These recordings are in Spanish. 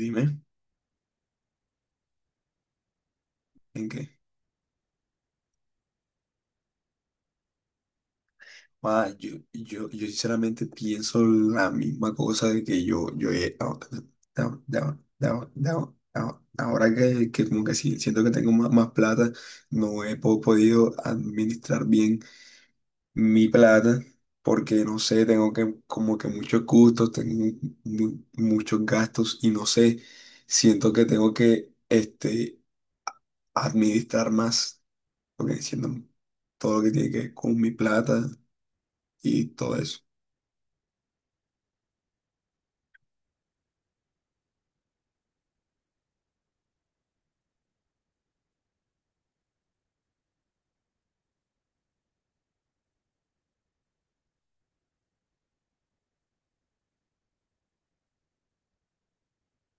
Dime, ¿en qué? Ah, yo sinceramente pienso la misma cosa de que yo he, ahora, ahora que como que sí, siento que tengo más plata, no he podido administrar bien mi plata porque no sé, tengo que como que muchos gustos, tengo muchos gastos y no sé, siento que tengo que administrar más, porque siento todo lo que tiene que ver con mi plata y todo eso.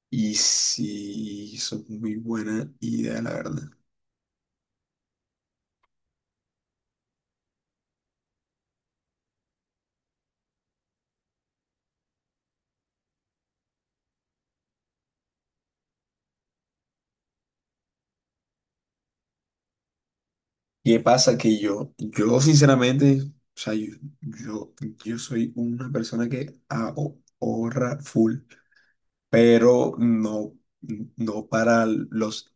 Y sí, eso es muy buena idea, la verdad. ¿Qué pasa? Que yo sinceramente, o sea, yo, yo soy una persona que ahorra full, pero no para los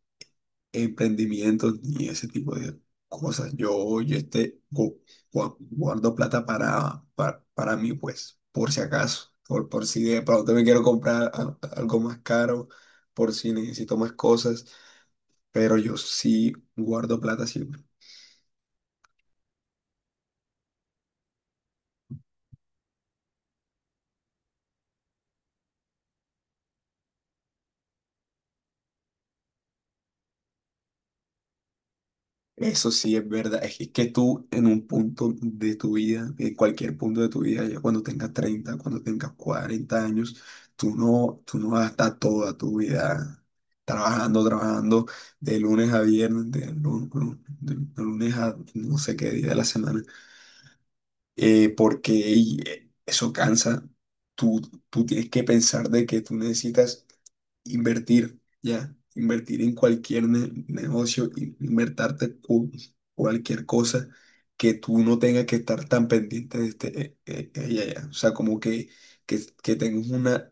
emprendimientos ni ese tipo de cosas. Yo este, gu- gua- guardo plata para mí, pues, por si acaso, por si de pronto me quiero comprar algo más caro, por si necesito más cosas, pero yo sí guardo plata siempre. Eso sí es verdad, es que tú en un punto de tu vida, en cualquier punto de tu vida, ya cuando tengas 30, cuando tengas 40 años, tú no vas a estar toda tu vida trabajando de lunes a viernes, de lunes a no sé qué día de la semana, eso cansa. Tú, tú tienes que pensar de que tú necesitas invertir, ya, invertir en cualquier negocio, invertarte cualquier cosa que tú no tengas que estar tan pendiente de ya, ya. O sea, como que tengas una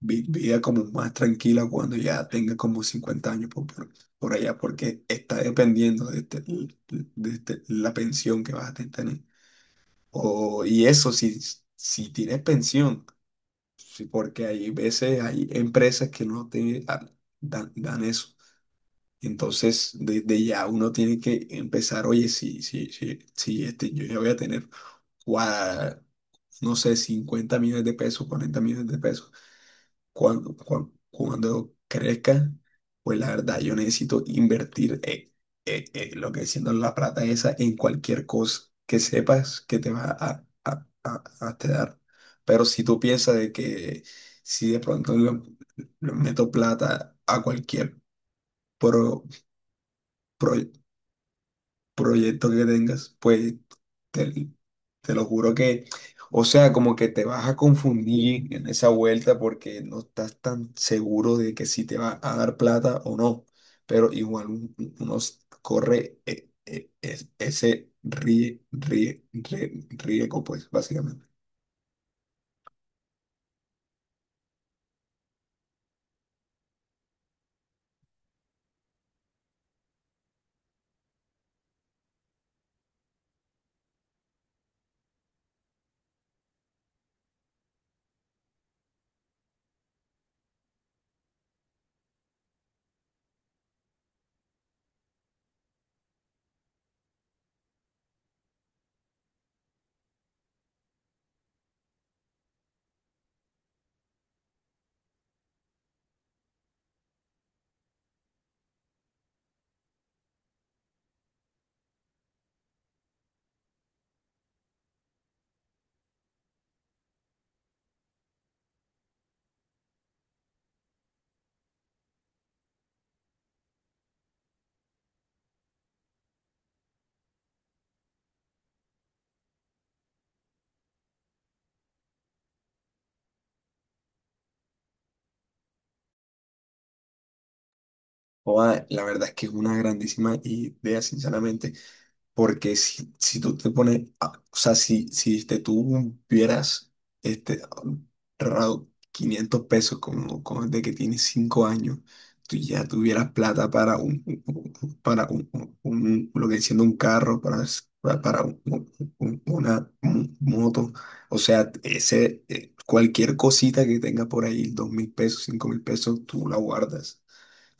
vida como más tranquila cuando ya tengas como 50 años por allá, porque está dependiendo de la pensión que vas a tener. O, y eso, si tienes pensión. Sí, porque hay veces, hay empresas que no te dan eso. Entonces, desde ya uno tiene que empezar, oye, si, si, si, si este, yo ya voy a tener, gua- no sé, 50 millones de pesos, 40 millones de pesos cuando crezca, pues la verdad yo necesito invertir lo que siendo la plata esa en cualquier cosa que sepas que te va a te dar. Pero si tú piensas de que si de pronto le meto plata a cualquier pro- proyecto proyecto que tengas, pues te, te lo juro que, o sea, como que te vas a confundir en esa vuelta porque no estás tan seguro de que si te va a dar plata o no, pero igual uno corre ese riesgo, pues básicamente. Joda, la verdad es que es una grandísima idea, sinceramente. Porque si tú te pones, o sea, si, si este, tú vieras este, ahorrado 500 pesos como de que tienes 5 años, tú ya tuvieras plata para un- para un, un- lo que siendo un carro, para, s- pa- para un- una mo- moto, o sea, cualquier cosita que tenga por ahí, 2.000 pesos, 5.000 pesos, tú la guardas.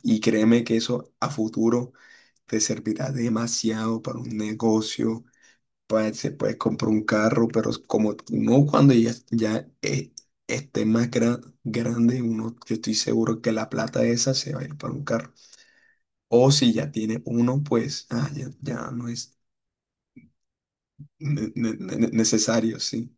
Y créeme que eso a futuro te servirá demasiado para un negocio, pues se puede comprar un carro, pero es como no cuando ya esté más grande, uno, yo estoy seguro que la plata esa se va a ir para un carro. O si ya tiene uno, pues ah, ya, ya no es necesario, sí.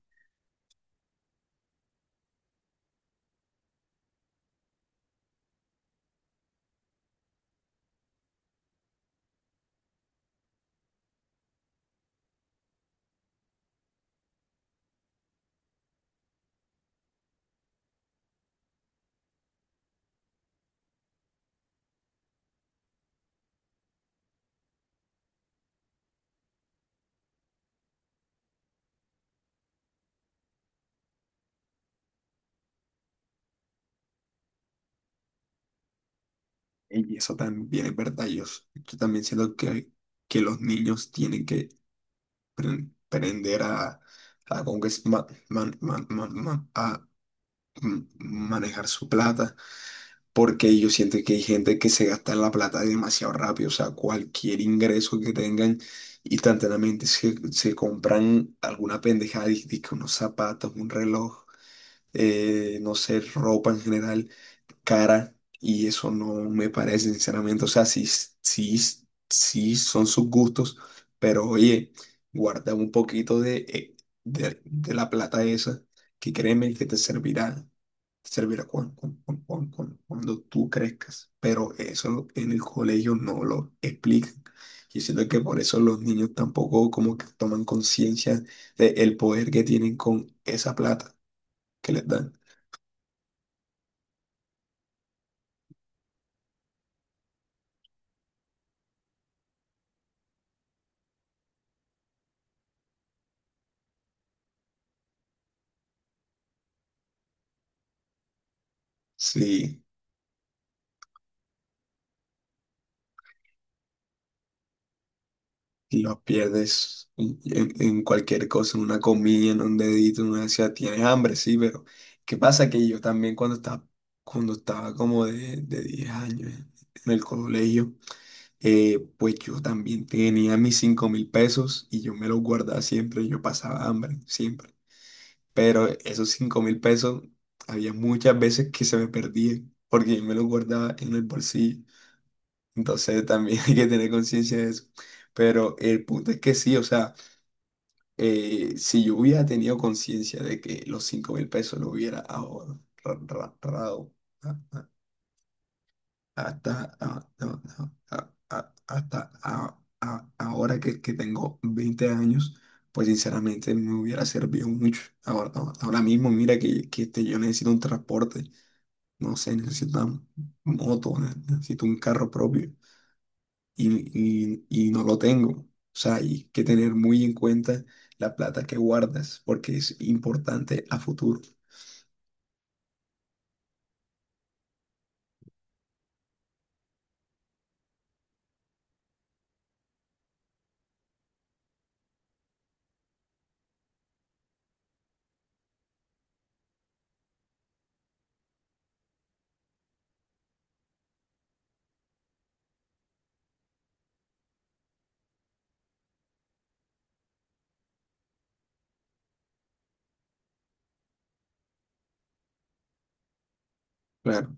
Y eso también es verdad. Yo también siento que los niños tienen que aprender como que es manejar su plata porque yo siento que hay gente que se gasta la plata demasiado rápido, o sea, cualquier ingreso que tengan, instantáneamente se compran alguna pendejada, dizque unos zapatos, un reloj, no sé, ropa en general cara y eso no me parece, sinceramente. O sea, sí, sí, sí son sus gustos, pero oye, guarda un poquito de la plata esa, que créeme que te servirá cuando tú crezcas. Pero eso en el colegio no lo explican. Y siento que por eso los niños tampoco como que toman conciencia del poder que tienen con esa plata que les dan. Sí. Lo pierdes en cualquier cosa, en una comida, en un dedito, en una ansiedad. Tienes hambre, sí, pero ¿qué pasa? Que yo también cuando estaba como de 10 años en el colegio, pues yo también tenía mis 5.000 pesos y yo me los guardaba siempre, yo pasaba hambre, siempre. Pero esos 5.000 pesos había muchas veces que se me perdían porque yo me los guardaba en el bolsillo. Entonces también hay que tener conciencia de eso. Pero el punto es que sí, o sea. Si yo hubiera tenido conciencia de que los 5.000 pesos lo hubiera ahorrado ah, ah, hasta, no, no, hasta ahora que, tengo 20 años, pues sinceramente me hubiera servido mucho. Ahora mismo, mira yo necesito un transporte, no sé, necesito una moto, necesito un carro propio y no lo tengo. O sea, hay que tener muy en cuenta la plata que guardas porque es importante a futuro. Claro,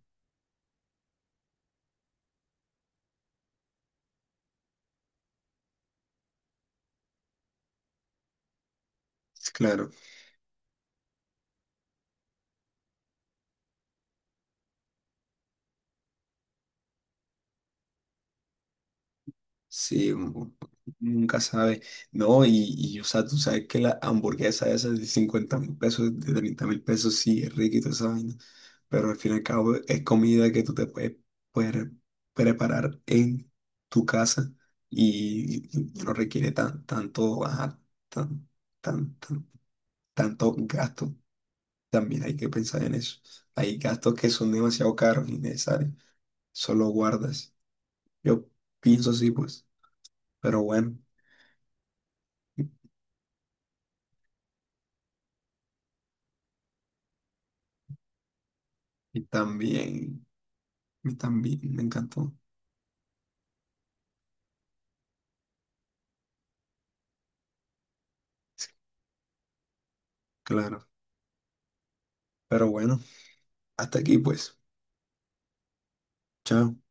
claro. Sí, uno nunca sabe. No, y o sea, tú sabes que la hamburguesa esa de 50.000 pesos, de 30.000 pesos, sí, es rica y toda esa vaina. Pero al fin y al cabo es comida que tú te puedes preparar en tu casa y no requiere ajá, tan, tan, tan- tantos gastos, también hay que pensar en eso. Hay gastos que son demasiado caros, innecesarios, solo guardas. Yo pienso así, pues, pero bueno, y también, y también me encantó, claro. Pero bueno, hasta aquí, pues. Chao.